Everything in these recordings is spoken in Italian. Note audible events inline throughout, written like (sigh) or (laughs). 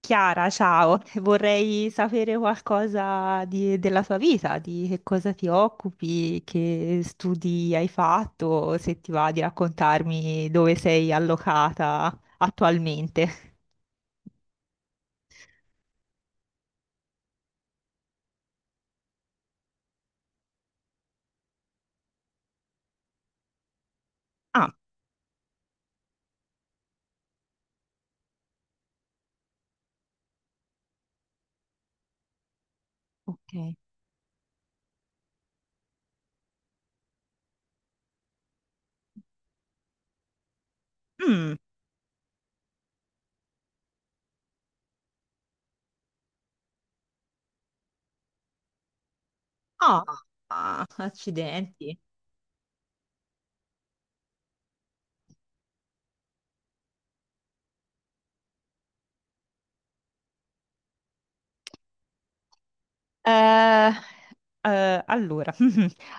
Chiara, ciao, (laughs) vorrei sapere qualcosa della tua vita, di che cosa ti occupi, che studi hai fatto, se ti va di raccontarmi dove sei allocata attualmente. Ah, ok. Mm. Ah, ah, accidenti. Eh, eh, allora,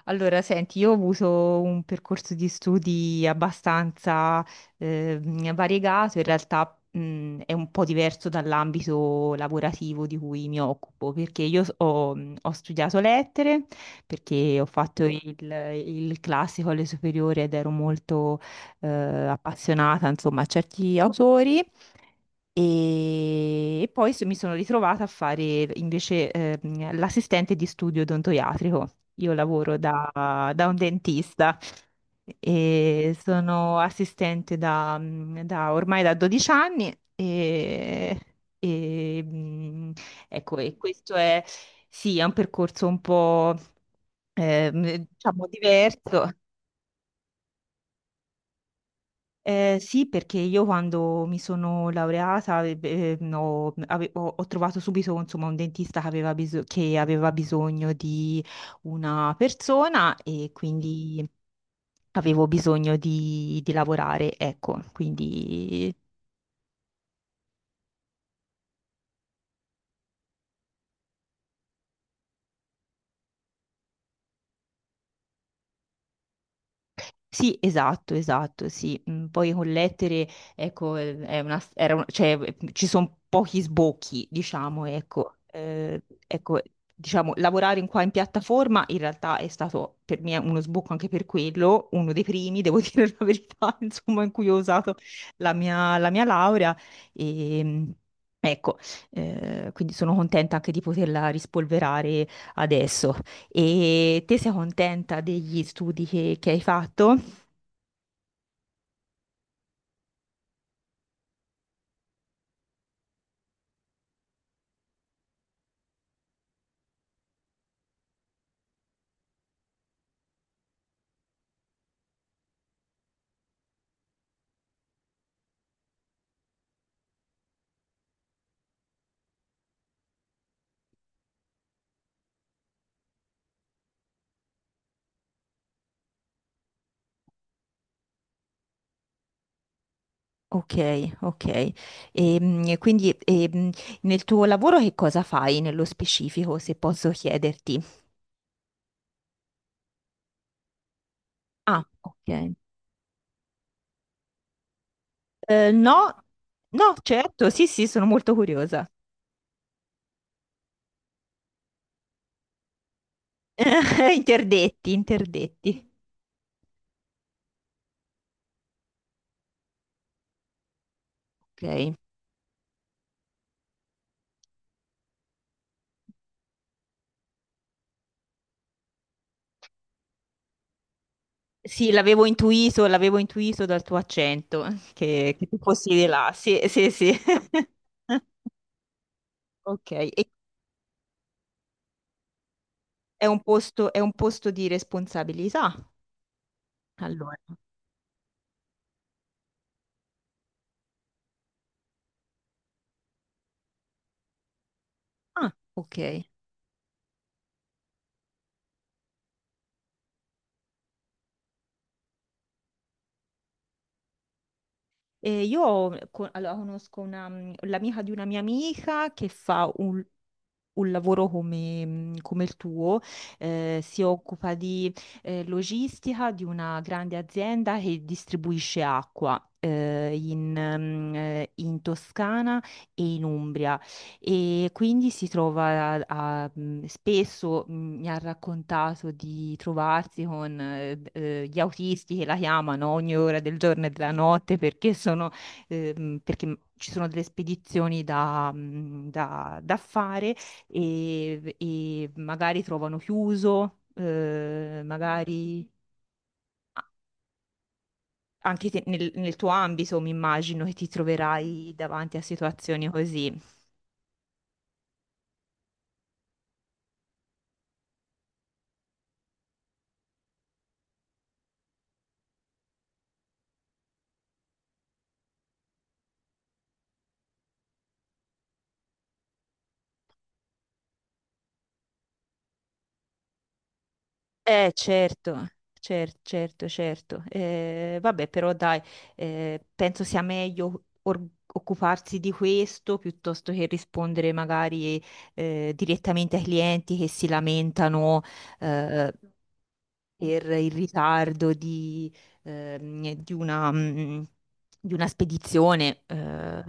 Allora, senti, io ho avuto un percorso di studi abbastanza eh, variegato, in realtà è un po' diverso dall'ambito lavorativo di cui mi occupo, perché io ho studiato lettere, perché ho fatto il classico alle superiori ed ero molto appassionata, insomma, a certi autori. E poi mi sono ritrovata a fare invece l'assistente di studio odontoiatrico. Io lavoro da un dentista e sono assistente ormai da 12 anni. E, e, ecco, e questo è, sì, è un percorso un po' diciamo diverso. Sì, perché io quando mi sono laureata no, ho, ho trovato subito insomma, un dentista che aveva bisogno di una persona e quindi avevo bisogno di lavorare, ecco, quindi. Sì, esatto, esatto, sì. Poi con lettere, ecco, è una, era un- cioè, ci sono pochi sbocchi, diciamo, ecco. Ecco, diciamo, lavorare in qua in piattaforma in realtà è stato per me uno sbocco anche per quello, uno dei primi, devo (laughs) dire la verità, insomma, in cui ho usato la mia laurea. E, mm, ecco, quindi sono contenta anche di poterla rispolverare adesso. E te sei contenta degli studi che hai fatto? Ok, ok. Quindi nel tuo lavoro che cosa fai nello specifico, se posso chiederti? Ah, ok. No, no, certo, sì, sì, sono molto curiosa. (laughs) Interdetti, interdetti. Ok. Sì, l'avevo intuito dal tuo accento, che tu fossi di là. Sì, sì, sì. (laughs) Ok, e è un posto di responsabilità, allora. Ah, ok. E io allora, conosco l'amica di una mia amica che fa un lavoro come il tuo, si occupa di logistica di una grande azienda che distribuisce acqua in Toscana e in Umbria, e quindi si trova spesso mi ha raccontato di trovarsi con gli autisti che la chiamano ogni ora del giorno e della notte perché sono perché ci sono delle spedizioni da fare, e magari trovano chiuso, magari anche nel, tuo ambito mi immagino che ti troverai davanti a situazioni così. Certo. Certo, certo, certo. Vabbè, però dai, penso sia meglio occuparsi di questo piuttosto che rispondere magari direttamente ai clienti che si lamentano, eh, per il ritardo ehm, di una, mm, di una spedizione.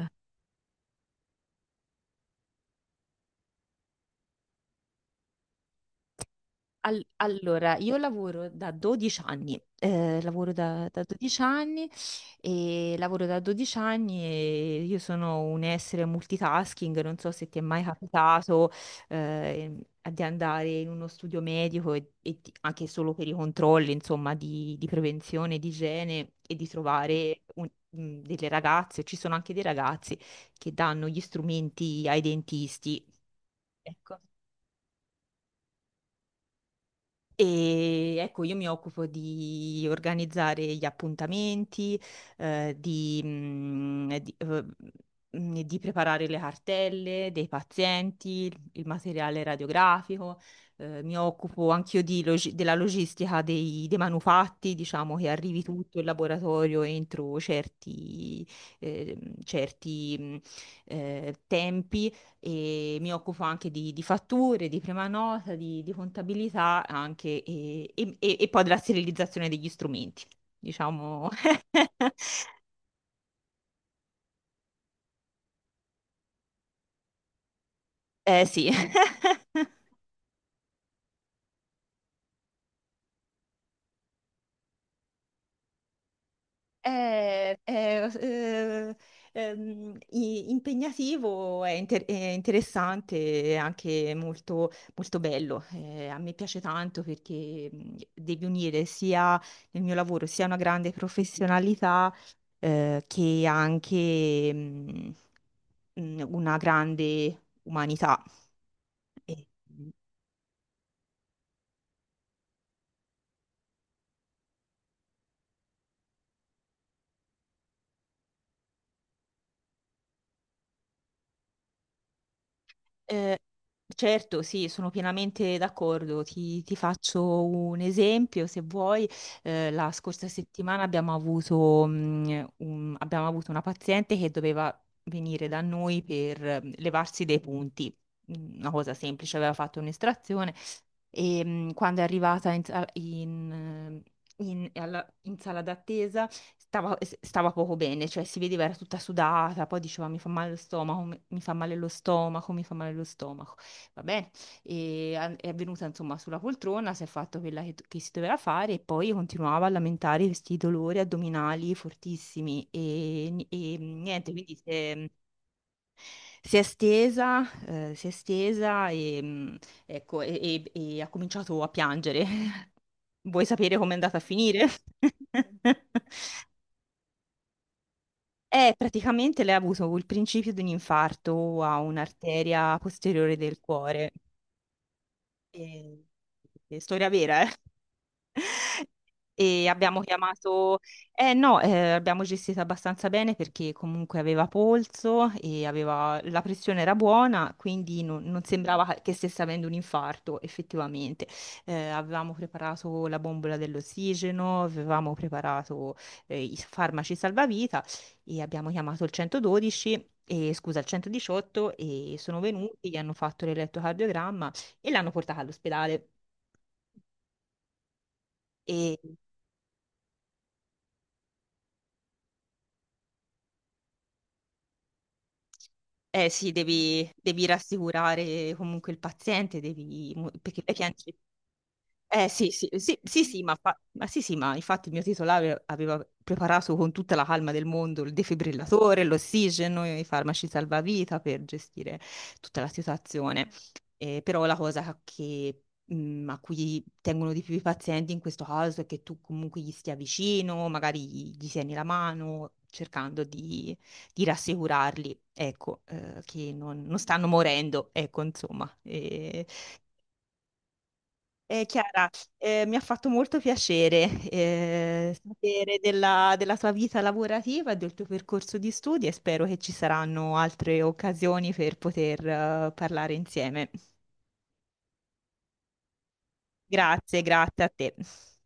Allora, io lavoro da 12 anni, lavoro da 12 anni e lavoro da 12 anni e io sono un essere multitasking, non so se ti è mai capitato eh, di andare in uno studio medico e anche solo per i controlli, insomma, di prevenzione, di igiene e di trovare delle ragazze, ci sono anche dei ragazzi che danno gli strumenti ai dentisti. Ecco. E ecco, io mi occupo di organizzare gli appuntamenti, eh, di, mm, di, eh, di preparare le cartelle dei pazienti, il materiale radiografico, mi occupo anch'io di della logistica dei manufatti, diciamo che arrivi tutto in laboratorio entro eh, certi tempi, e mi occupo anche di fatture, di prima nota, di contabilità anche e poi della sterilizzazione degli strumenti, diciamo. (laughs) Eh sì, (laughs) è, è, eh, impegnativo, è interessante, è anche molto, molto bello. A me piace tanto perché devi unire sia nel mio lavoro sia una grande professionalità che anche una grande umanità. E, eh, certo, sì, sono pienamente d'accordo. Ti faccio un esempio, se vuoi. La scorsa settimana abbiamo avuto una paziente che doveva venire da noi per levarsi dei punti. Una cosa semplice, aveva fatto un'estrazione e quando è arrivata in, sa- in, in- alla- in sala d'attesa stava poco bene, cioè si vedeva era tutta sudata, poi diceva mi fa male lo stomaco, mi fa male lo stomaco, mi fa male lo stomaco, va bene, e è venuta insomma sulla poltrona, si è fatto quella che si doveva fare e poi continuava a lamentare questi dolori addominali fortissimi e niente, quindi si è stesa, si è stesa e, ecco, e ha cominciato a piangere. (laughs) Vuoi sapere com'è andata a finire? (laughs) Praticamente lei ha avuto il principio di un infarto a un'arteria posteriore del cuore. E- e storia vera, eh? (laughs) E abbiamo chiamato, no, abbiamo gestito abbastanza bene perché comunque aveva polso e aveva la pressione era buona, quindi non, non sembrava che stesse avendo un infarto effettivamente. Avevamo preparato la bombola dell'ossigeno, avevamo preparato i farmaci salvavita e abbiamo chiamato il 112, e scusa, il 118, e sono venuti, gli hanno fatto l'elettrocardiogramma e l'hanno portata all'ospedale. Eh sì, devi rassicurare comunque il paziente, perché lei piange, eh sì, sì, sì, sì, sì, ma, ma sì, sì, ma infatti il mio titolare aveva preparato con tutta la calma del mondo il defibrillatore, l'ossigeno, i farmaci salvavita per gestire tutta la situazione. Però la cosa a cui tengono di più i pazienti in questo caso è che tu comunque gli stia vicino, magari gli tieni la mano, cercando di rassicurarli, ecco, che non stanno morendo, ecco, insomma. Chiara, mi ha fatto molto piacere sapere della tua vita lavorativa e del tuo percorso di studi e spero che ci saranno altre occasioni per poter parlare insieme. Grazie, grazie a te.